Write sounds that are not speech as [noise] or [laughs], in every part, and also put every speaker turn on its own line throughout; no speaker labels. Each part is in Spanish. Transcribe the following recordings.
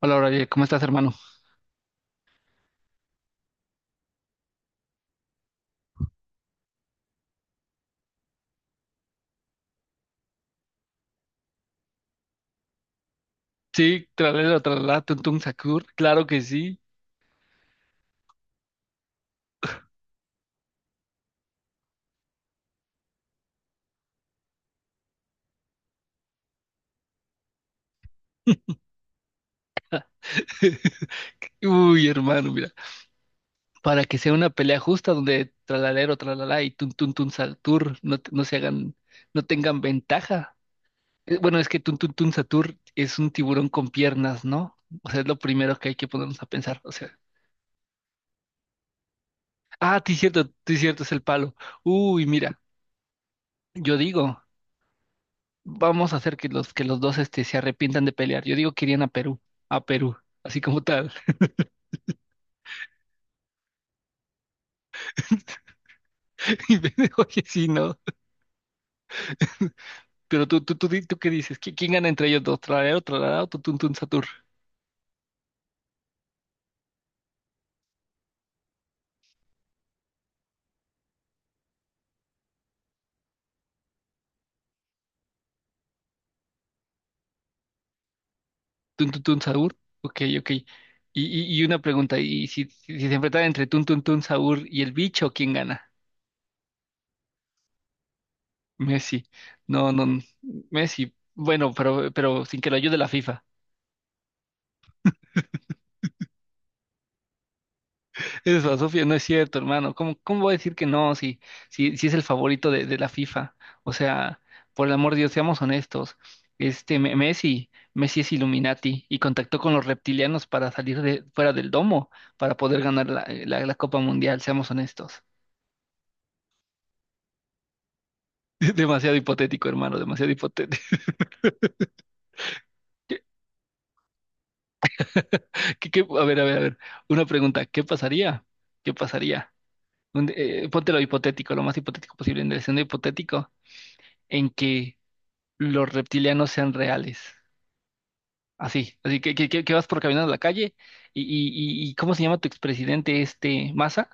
Hola, Brian, ¿cómo estás, hermano? Sí, tralala, tralala, tuntum sakur, claro que sí. [laughs] Uy, hermano, mira, para que sea una pelea justa donde tralalero, tralala y tuntum tun satur no se hagan, no tengan ventaja. Bueno, es que tuntum tun satur es un tiburón con piernas, ¿no? O sea, es lo primero que hay que ponernos a pensar, o sea. Ah, sí, cierto, es el palo. Uy, mira, yo digo, vamos a hacer que los dos este, se arrepientan de pelear. Yo digo que irían a Perú, así como tal. [laughs] [laughs] Oye, sí, ¿no? Pero ¿tú qué dices? ¿Quién gana entre ellos dos? ¿Tralalero, tralalero, tutun, tun, satur? ¿Tun, tun, tun, saur? Ok, ok. Y una pregunta, ¿y si, si se enfrentan entre tun, tun, tun, saur y el bicho, quién gana? Messi. No, no, Messi. Bueno, pero sin que lo ayude la FIFA. Eso, Sofía, no es cierto, hermano. ¿Cómo, cómo voy a decir que no si, si, si es el favorito de la FIFA? O sea, por el amor de Dios, seamos honestos. Messi, Messi es Illuminati y contactó con los reptilianos para salir de, fuera del domo, para poder ganar la Copa Mundial, seamos honestos. [laughs] Demasiado hipotético, hermano, demasiado hipotético. [laughs] A ver, a ver, a ver. Una pregunta, ¿qué pasaría? ¿Qué pasaría? Ponte lo hipotético, lo más hipotético posible, en el escenario hipotético, en que los reptilianos sean reales. Así, así que vas por caminando a la calle y ¿cómo se llama tu expresidente este Massa?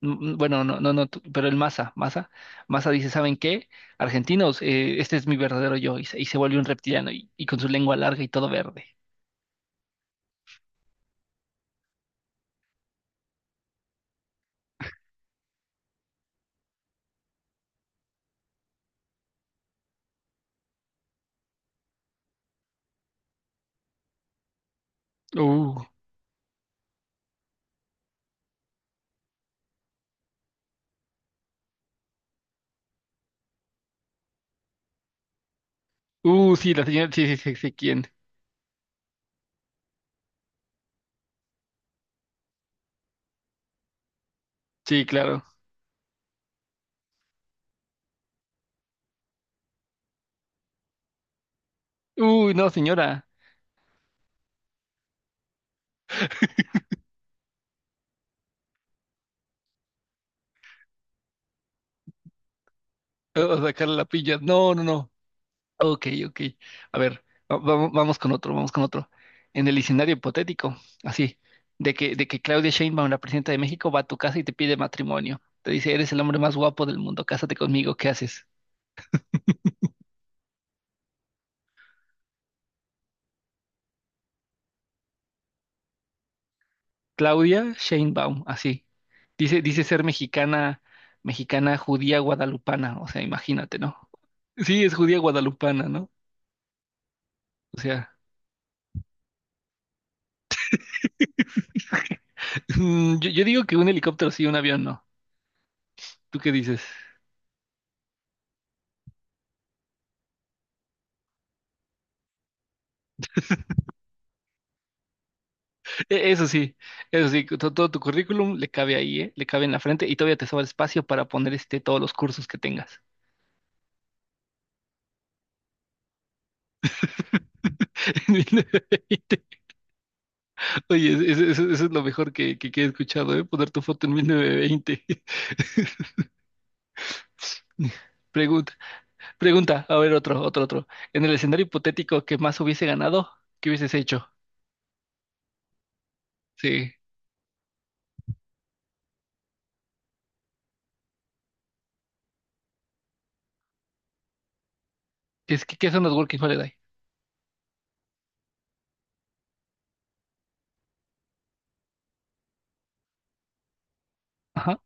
Bueno, no, no, no, tú, pero el Massa, Massa, Massa dice, ¿saben qué? Argentinos, este es mi verdadero yo y se vuelve un reptiliano y con su lengua larga y todo verde. Uh, sí, la señora, sí, sí, sí, sí, ¿quién? Sí, claro. Uy, no, señora, o sacarle la pilla. No, no, no. Ok, ok. A ver, vamos con otro, vamos con otro. En el escenario hipotético, así, de que Claudia Sheinbaum, la presidenta de México, va a tu casa y te pide matrimonio. Te dice, eres el hombre más guapo del mundo, cásate conmigo, ¿qué haces? Claudia Sheinbaum, así. Dice, dice ser mexicana, mexicana judía guadalupana, o sea, imagínate, ¿no? Sí, es judía guadalupana, ¿no? O sea, [laughs] yo, yo digo que un helicóptero sí, un avión no. ¿Tú qué dices? E- Eso sí, eso sí, todo, tu currículum le cabe ahí, ¿eh? Le cabe en la frente y todavía te sobra espacio para poner este, todos los cursos que tengas. [laughs] Oye, eso, eso es lo mejor que he escuchado, ¿eh? Poner tu foto en 1920. [laughs] Pregunta, pregunta, a ver, otro, otro, otro. En el escenario hipotético que más hubiese ganado, ¿qué hubieses hecho? Sí. ¿Qué son los Working Holiday? Ajá.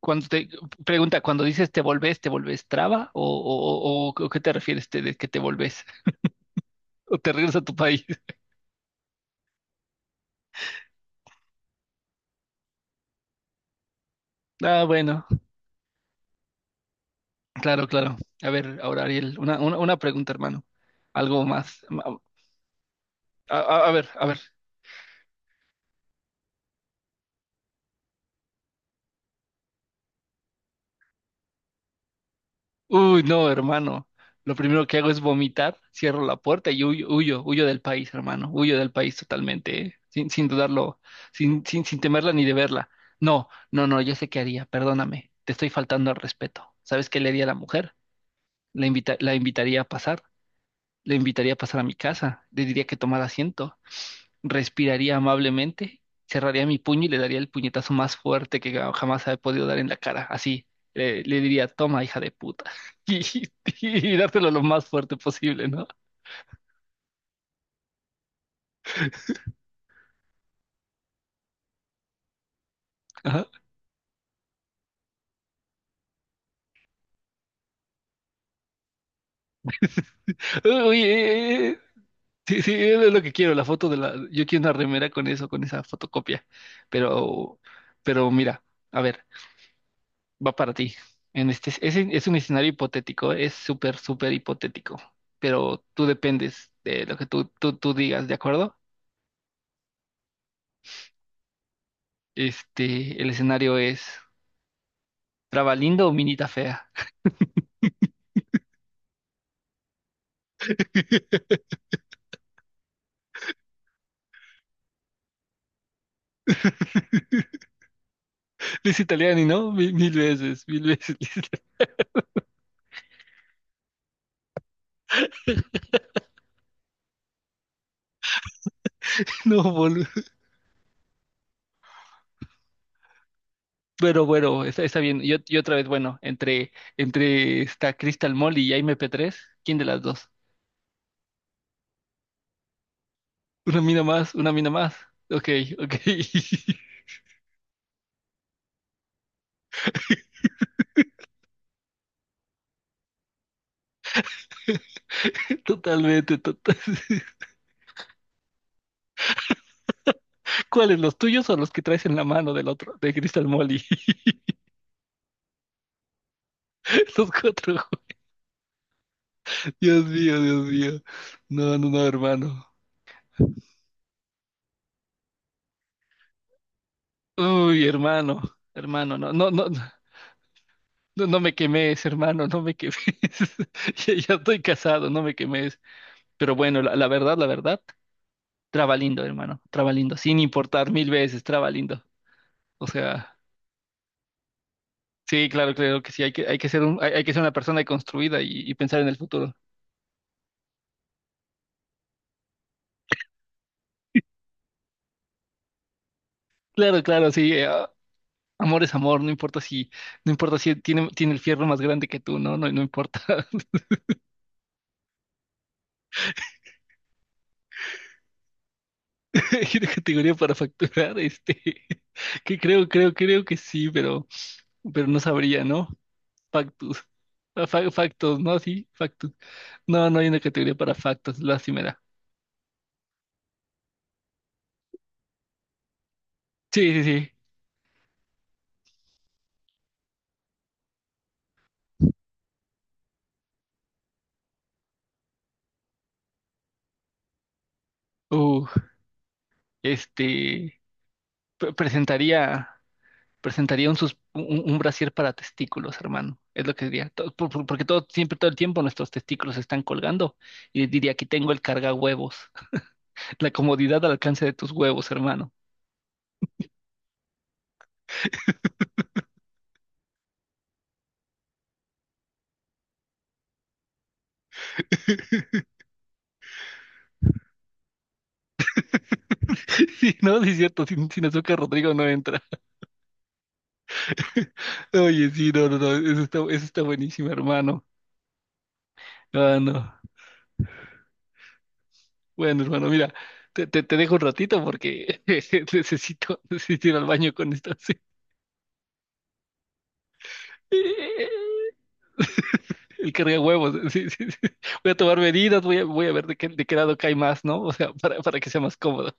Cuando te, pregunta, cuando dices ¿te volvés traba? ¿O qué te refieres de que te volvés? [laughs] ¿O te regresas a tu país? [laughs] Ah, bueno. Claro, claro. A ver, ahora Ariel, una pregunta, hermano. Algo más. A ver, a ver. Uy, no, hermano. Lo primero que hago es vomitar, cierro la puerta y huyo, huyo, huyo del país, hermano. Huyo del país totalmente, ¿eh? Sin, sin dudarlo, sin, sin, sin temerla ni de verla. No, no, no, yo sé qué haría, perdóname. Te estoy faltando al respeto. ¿Sabes qué le haría a la mujer? La invitaría a pasar, le invitaría a pasar a mi casa, le diría que tomara asiento respiraría amablemente, cerraría mi puño y le daría el puñetazo más fuerte que jamás he podido dar en la cara. Así, le diría, toma, hija de puta. [laughs] Y, y dártelo lo más fuerte posible, ¿no? Ajá. Oye, sí, sí, es lo que quiero, la foto de la... Yo quiero una remera con eso, con esa fotocopia. Pero, pero mira, a ver, va para ti. Es un escenario hipotético, es súper, súper hipotético. Pero tú dependes de lo que tú digas, ¿de acuerdo? Este, el escenario es Trabalindo o Minita Fea. [laughs] Liz Italiani, ¿no? Mil, veces, mil veces. [laughs] Liz Italiani. No, boludo. Pero bueno, está, está bien. Yo, y otra vez, bueno, entre esta Crystal Mall y Jaime P3, ¿quién de las dos? Una mina más, una mina más. Ok, ok. [laughs] Totalmente, total. ¿Cuáles, los tuyos o los que traes en la mano del otro, de Crystal Molly? [laughs] Los cuatro. Dios mío, Dios mío. No, no, no, hermano. Uy, hermano, hermano, no, no, no, no, no me quemes, hermano, no me quemes. [laughs] Ya, ya estoy casado, no me quemes. Pero bueno, la, la verdad, trabalindo, hermano, trabalindo, sin importar mil veces, trabalindo. O sea, sí, claro, claro que sí, hay que ser un, hay que ser una persona construida y pensar en el futuro. Claro, claro, sí, amor es amor, no importa si, no importa si tiene, tiene el fierro más grande que tú, no, no, no importa. [laughs] Hay una categoría para facturar, este, [laughs] que creo que sí, pero. Pero no sabría, ¿no? Factus. Ah, Factos, ¿no? Sí, factus. No, no hay una categoría para factos, lástima. Sí, sí, sí. Uh, este, presentaría, presentaría un brasier para testículos, hermano. Es lo que diría. To- por- Porque todo, siempre, todo el tiempo nuestros testículos están colgando. Y diría, aquí tengo el carga huevos. [laughs] La comodidad al alcance de tus huevos, hermano. [laughs] Sí, no, sí es cierto, sin, sin azúcar Rodrigo no entra. [laughs] Oye, sí, no, no, no, eso está buenísimo, hermano. Ah, no. Bueno, hermano, mira, te dejo un ratito porque [laughs] necesito, necesito ir al baño con esto. [laughs] sí. El carga huevos. Sí, sí, sí. Voy a tomar medidas, voy a, voy a ver de qué lado cae más, ¿no? O sea, para que sea más cómodo.